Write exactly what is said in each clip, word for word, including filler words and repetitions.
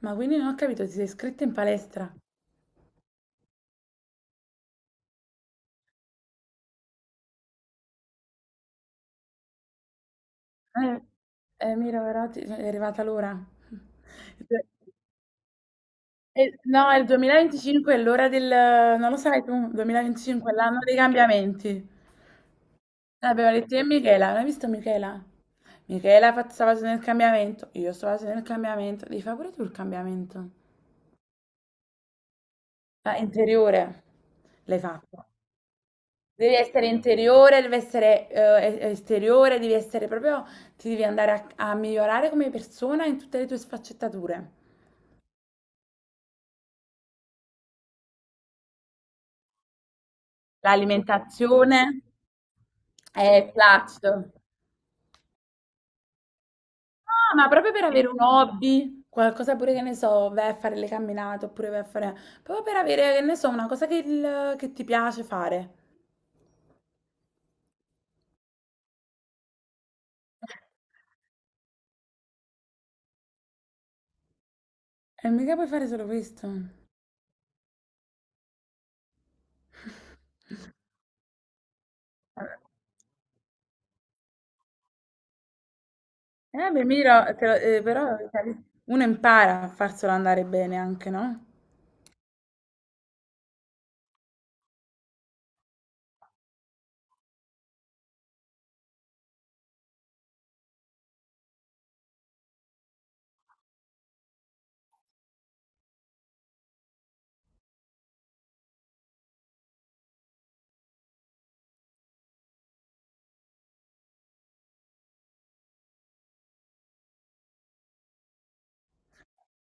Ma quindi non ho capito, ti sei iscritta in palestra? Eh, eh, mira, però ti- è arrivata l'ora. Eh, No, il duemilaventicinque è l'ora del... Non lo sai tu, duemilaventicinque è l'anno dei cambiamenti. L'abbiamo detto io e Michela, l'hai visto Michela? Michela fa- sta facendo il cambiamento, io sto facendo il cambiamento. Devi fare pure tu il cambiamento. Ah, interiore, l'hai fatto. Devi essere interiore, devi essere eh, e- esteriore, devi essere proprio, ti devi andare a, a migliorare come persona in tutte le tue sfaccettature. L'alimentazione è clutch. Ah, ma proprio per avere un hobby, qualcosa pure che ne so, vai a fare le camminate oppure vai a fare... Proprio per avere, che ne so, una cosa che, il- che ti piace fare. E mica puoi fare solo questo. Eh, beh, Miro, te lo- eh, però cioè, uno impara a farselo andare bene anche, no?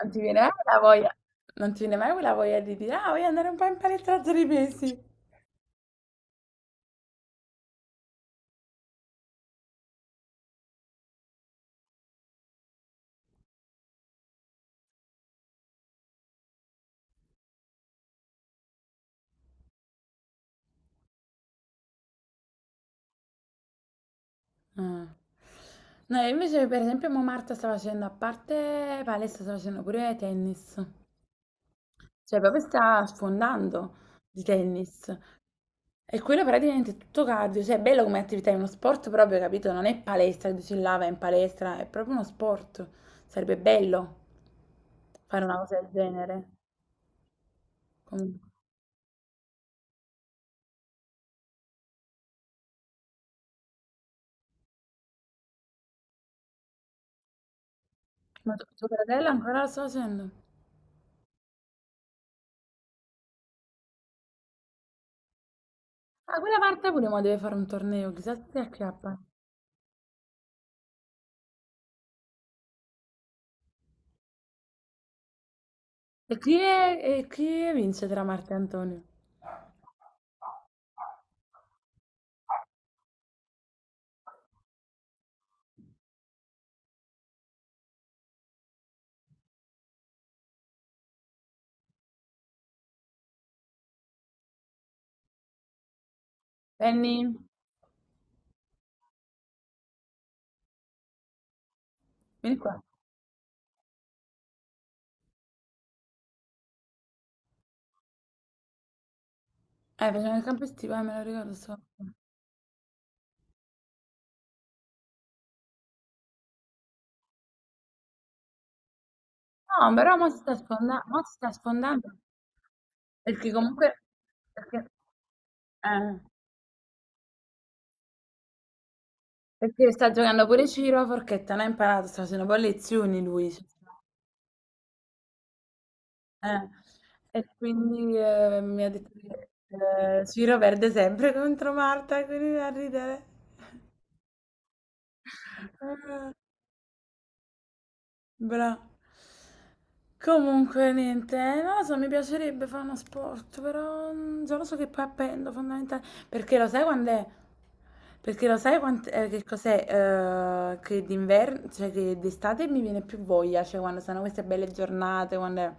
Non ti viene mai la voglia, non ti viene mai quella voglia di dire, ah, voglio andare un po' in palestra tra tre mesi. Ah. No, io invece per esempio mo Marta sta facendo, a parte palestra, sta facendo pure tennis. Cioè proprio sta sfondando di tennis. E quello praticamente è tutto cardio. Cioè è bello come attività, è uno sport proprio, capito? Non è palestra, che dici là vai in palestra, è proprio uno sport. Sarebbe bello fare una cosa del genere. Comunque. Ma tu- tuo fratello ancora lo sta facendo? Ah, quella Marta pure ma deve fare un torneo, chissà se si acchiappa. E chi, è- e chi vince tra Marta e Antonio? Penny, vieni qua. Eh, facciamo il campo estivo, eh, me lo ricordo sto. No, però mo si sta sfondando, mo si sta sfondando. Perché comunque... Perché, eh, perché sta giocando pure Ciro a forchetta, non ha imparato, sta facendo poi lezioni lui. Cioè, eh. E quindi eh, mi ha detto che eh, Ciro perde sempre contro Marta, quindi da ridere. Ah, Bra. Comunque, niente, eh, non lo so, mi piacerebbe fare uno sport, però mm, già lo so che poi appendo fondamentale, perché lo sai quando è? Perché lo sai quant- eh, che cos'è? Eh, che d'inverno, cioè che d'estate mi viene più voglia, cioè quando sono queste belle giornate, quando è-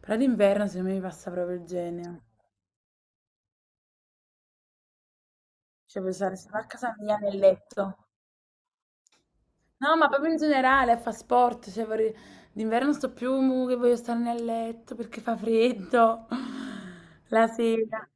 Però d'inverno secondo me mi passa proprio il genio. Cioè, puoi stare solo a casa mia nel letto. No, ma proprio in generale, fa sport, cioè vorrei... d'inverno sto più mu, che voglio stare nel letto perché fa freddo la sera.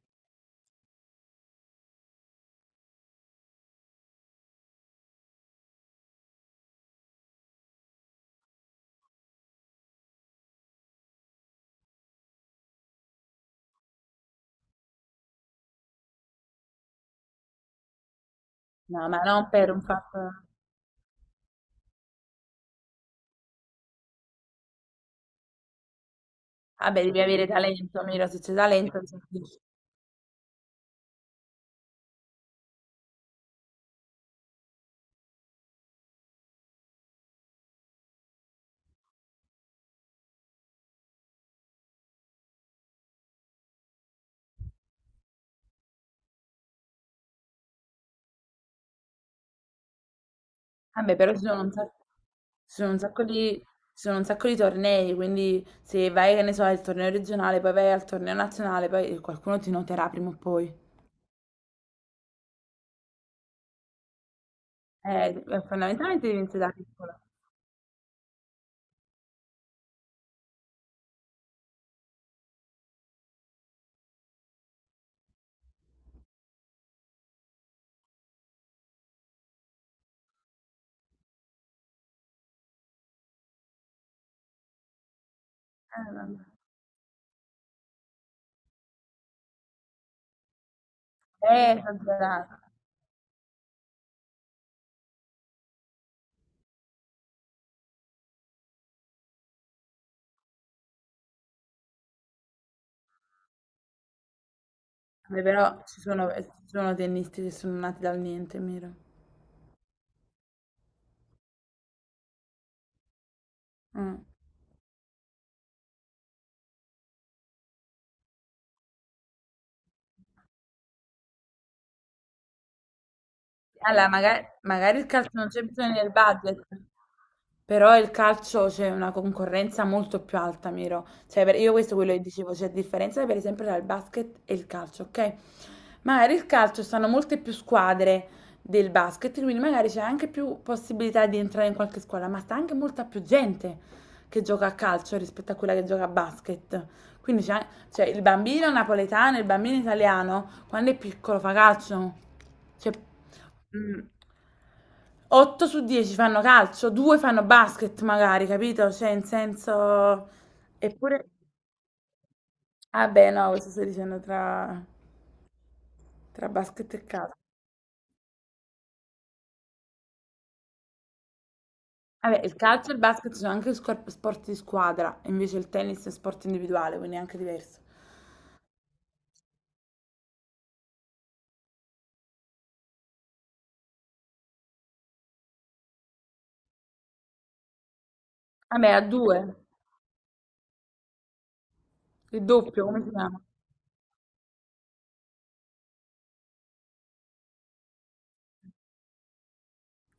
No, ma non per un fatto... Vabbè, devi avere talento, mira, se c'è talento... se- Vabbè, però ci sono un sacco, ci sono un sacco di... ci sono un sacco di tornei, quindi se vai, che ne so, al torneo regionale, poi vai al torneo nazionale, poi qualcuno ti noterà prima o poi. Eh, fondamentalmente devi iniziare da piccolo. Eh, vabbè. Eh, esagerato. Beh, però ci sono, ci sono tennisti che sono nati dal niente, Miro. Mm. Allora, magari, magari il calcio non c'è bisogno del budget, però il calcio c'è una concorrenza molto più alta, Miro. Cioè, per- io questo è quello che dicevo, c'è differenza per esempio tra il basket e il calcio, ok? Magari il calcio stanno molte più squadre del basket, quindi magari c'è anche più possibilità di entrare in qualche squadra, ma sta anche molta più gente che gioca a calcio rispetto a quella che gioca a basket. Quindi c'è, cioè, il bambino napoletano, il bambino italiano, quando è piccolo fa calcio. Cioè, mh. otto su dieci fanno calcio, due fanno basket magari, capito? Cioè, in senso... Eppure... Ah beh, no, questo stai dicendo tra, tra basket e calcio. Vabbè, il calcio e il basket sono anche scor- sport di squadra, invece il tennis è sport individuale, quindi è anche diverso. Vabbè, a due, il doppio, come si chiama?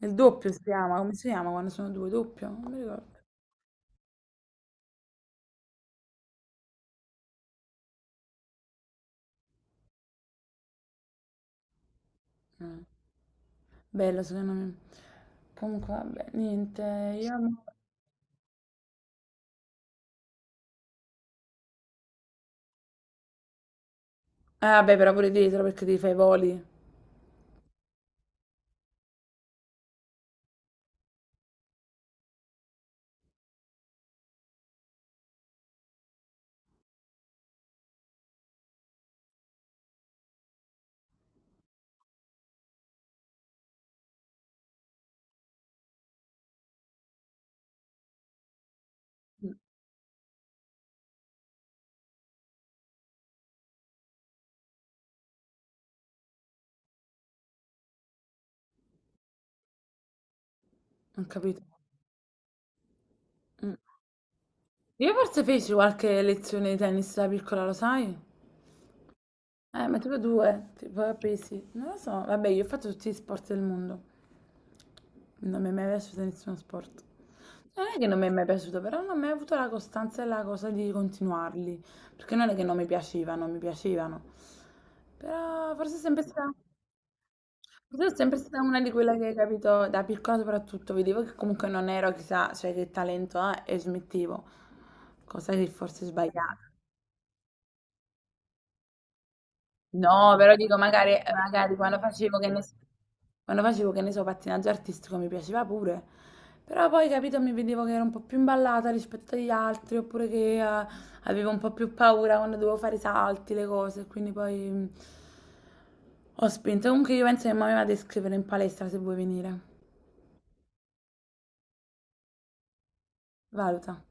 Il doppio si chiama, come si chiama quando sono due? Doppio? Non mi ricordo. Mm. Bello, secondo me. Comunque, vabbè, niente, io... Eh, beh, però pure dietro perché ti fai i voli. Mm. Ho capito. Mm. Io forse feci qualche lezione di tennis da piccola, lo sai? Eh, ma tipo due, tipo a pesi. Non lo so. Vabbè, io ho fatto tutti gli sport del mondo. Non mi è mai piaciuto nessuno sport. Non è che non mi è mai piaciuto, però non ho mai avuto la costanza e la cosa di continuarli. Perché non è che non mi piacevano, mi piacevano. Però forse è sempre stata. Io sono sempre stata una di quelle che, capito, da piccola soprattutto, vedevo che comunque non ero chissà, cioè che talento ha e smettevo, cosa che forse è sbagliata. No, però dico, magari, magari quando facevo, che ne so, quando facevo, che ne so, pattinaggio artistico mi piaceva pure, però poi, capito, mi vedevo che ero un po' più imballata rispetto agli altri, oppure che eh, avevo un po' più paura quando dovevo fare i salti, le cose, quindi poi mm, ho spinto. Comunque io penso che mamma mi vada a iscrivere in palestra se vuoi venire, valuta.